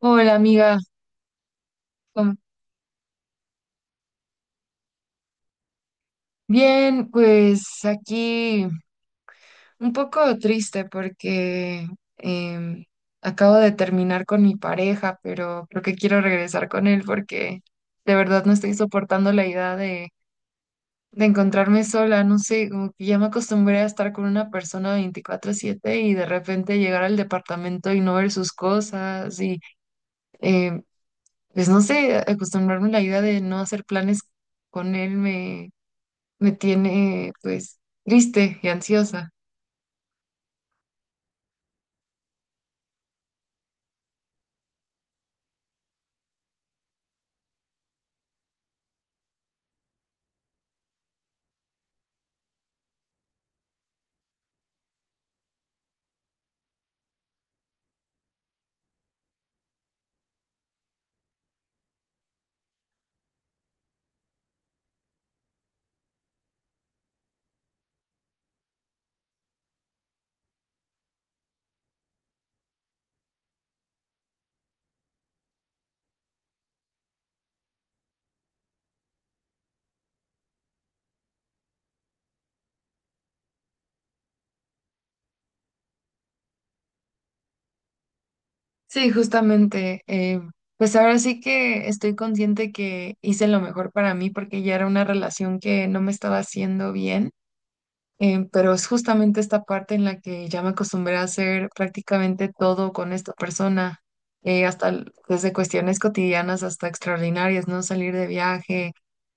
Hola amiga. ¿Cómo- Bien, pues aquí un poco triste porque em, acabo de terminar con mi pareja, pero creo que quiero regresar con él porque de verdad no estoy soportando la idea de encontrarme sola, no sé, como que ya me acostumbré a estar con una persona 24/7 y de repente llegar al departamento y no ver sus cosas y em, pues no sé, acostumbrarme a la idea de no hacer planes con él me tiene pues triste y ansiosa. Sí, justamente, pues ahora sí que estoy consciente que hice lo mejor para mí porque ya era una relación que no me estaba haciendo bien, pero es justamente esta parte en la que ya me acostumbré a hacer prácticamente todo con esta persona, desde cuestiones cotidianas hasta extraordinarias, ¿no? Salir de viaje,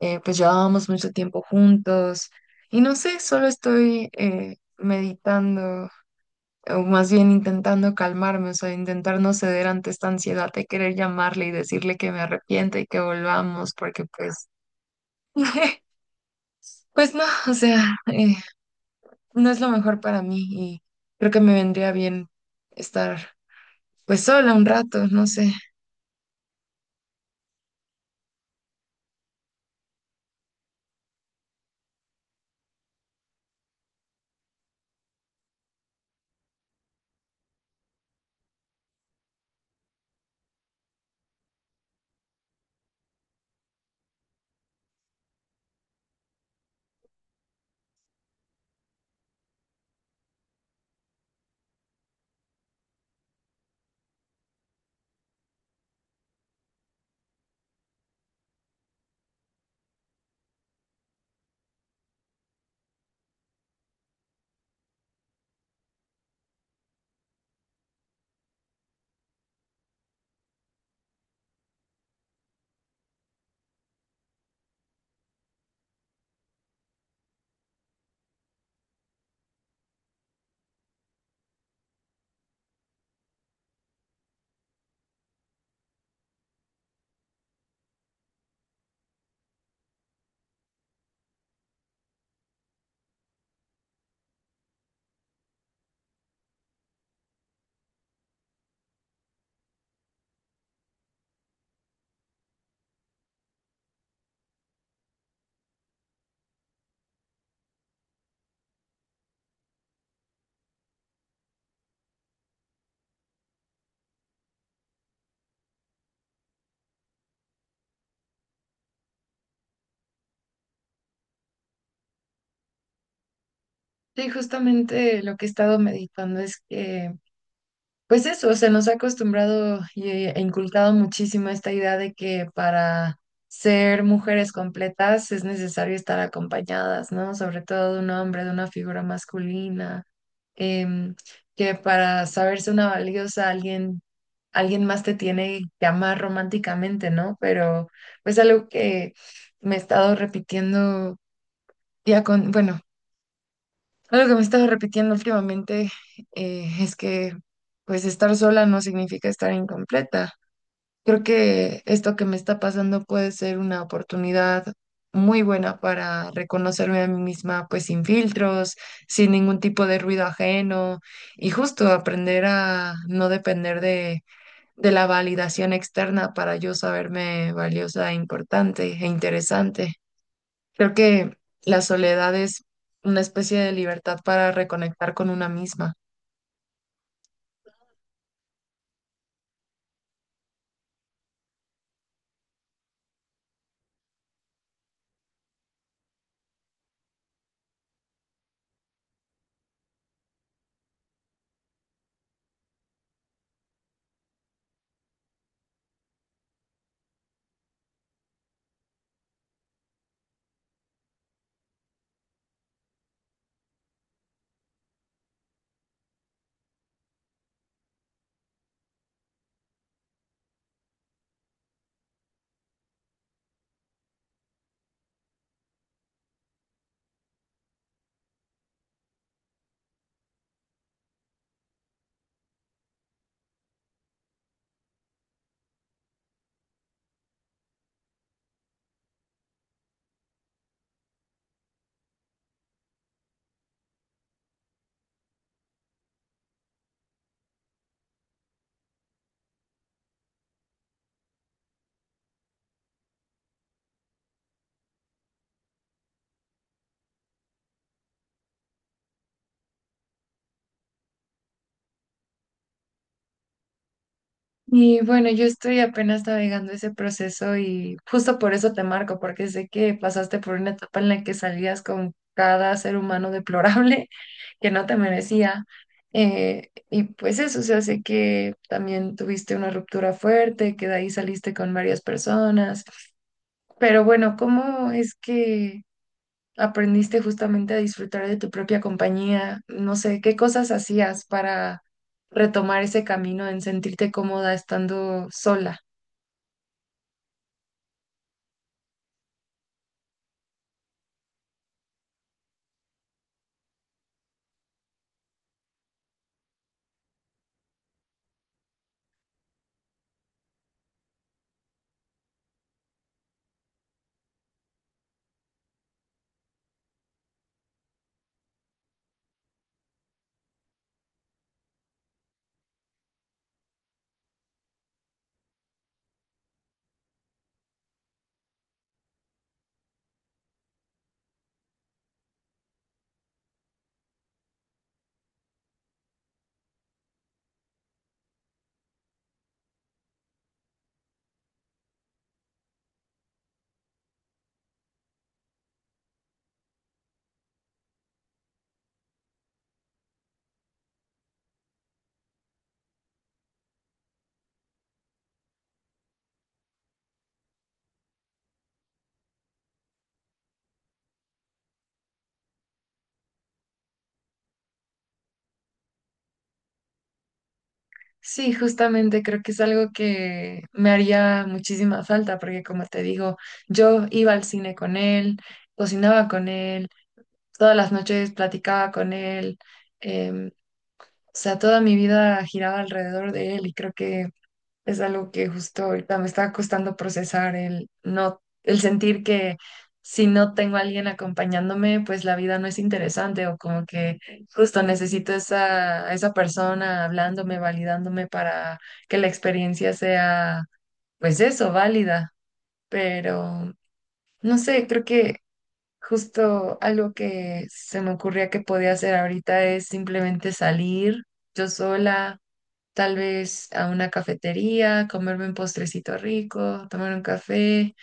pues llevábamos mucho tiempo juntos y no sé, solo estoy meditando o más bien intentando calmarme, o sea, intentar no ceder ante esta ansiedad de querer llamarle y decirle que me arrepiento y que volvamos, porque pues, pues no, o sea, no es lo mejor para mí y creo que me vendría bien estar pues sola un rato, no sé. Sí, justamente lo que he estado meditando es que, pues eso, se nos ha acostumbrado y e inculcado muchísimo esta idea de que para ser mujeres completas es necesario estar acompañadas, ¿no? Sobre todo de un hombre, de una figura masculina, em, que para saberse una valiosa alguien, alguien más te tiene que amar románticamente, ¿no? Pero pues algo que me he estado repitiendo ya con, bueno, algo que me estaba repitiendo últimamente es que pues estar sola no significa estar incompleta. Creo que esto que me está pasando puede ser una oportunidad muy buena para reconocerme a mí misma pues sin filtros, sin ningún tipo de ruido ajeno y justo aprender a no depender de la validación externa para yo saberme valiosa, importante e interesante. Creo que la soledad es una especie de libertad para reconectar con una misma. Y bueno, yo estoy apenas navegando ese proceso y justo por eso te marco, porque sé que pasaste por una etapa en la que salías con cada ser humano deplorable que no te merecía. Y pues eso, o sea, sé que también tuviste una ruptura fuerte, que de ahí saliste con varias personas. Pero bueno, ¿cómo es que aprendiste justamente a disfrutar de tu propia compañía? No sé, ¿qué cosas hacías para retomar ese camino en sentirte cómoda estando sola? Sí, justamente creo que es algo que me haría muchísima falta porque como te digo, yo iba al cine con él, cocinaba con él, todas las noches platicaba con él, em, o sea, toda mi vida giraba alrededor de él y creo que es algo que justo ahorita me está costando procesar el no, el sentir que si no tengo a alguien acompañándome, pues la vida no es interesante o como que justo necesito a esa persona hablándome, validándome para que la experiencia sea, pues eso, válida. Pero no sé, creo que justo algo que se me ocurría que podía hacer ahorita es simplemente salir yo sola tal vez a una cafetería, comerme un postrecito rico, tomar un café.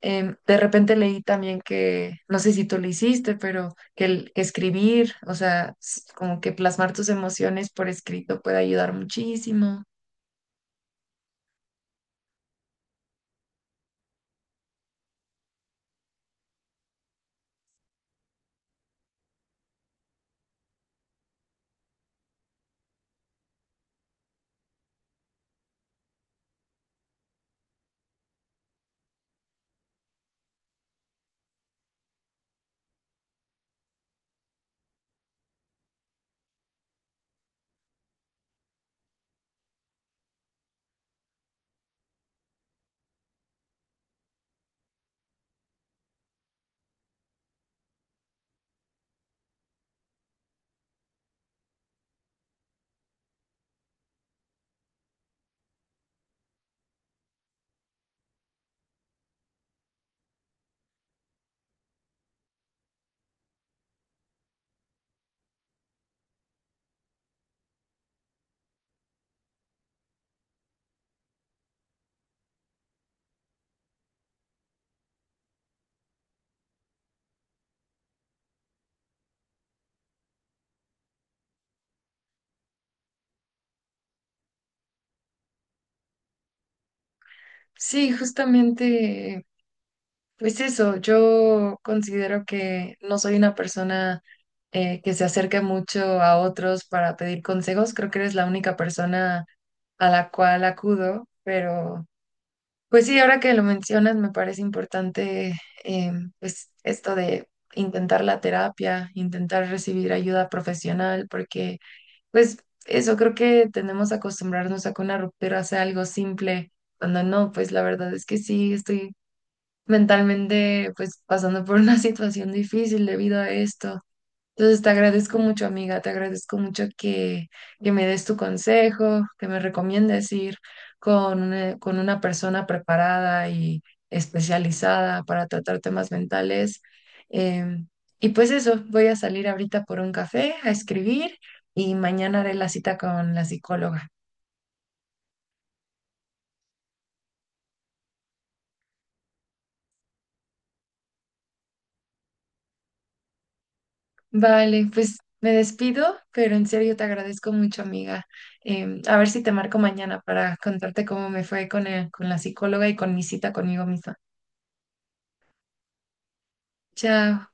De repente leí también que, no sé si tú lo hiciste, pero que escribir, o sea, como que plasmar tus emociones por escrito puede ayudar muchísimo. Sí, justamente, pues eso, yo considero que no soy una persona que se acerque mucho a otros para pedir consejos, creo que eres la única persona a la cual acudo. Pero pues sí, ahora que lo mencionas, me parece importante, eh, pues esto de intentar la terapia, intentar recibir ayuda profesional, porque pues eso, creo que tenemos que acostumbrarnos a que una ruptura sea algo simple, cuando no, pues la verdad es que sí, estoy mentalmente pues pasando por una situación difícil debido a esto. Entonces te agradezco mucho, amiga, te agradezco mucho que me des tu consejo, que me recomiendes ir con una persona preparada y especializada para tratar temas mentales. Em, y pues eso, voy a salir ahorita por un café a escribir y mañana haré la cita con la psicóloga. Vale, pues me despido, pero en serio te agradezco mucho, amiga. A ver si te marco mañana para contarte cómo me fue con la psicóloga y con mi cita conmigo misma. Chao.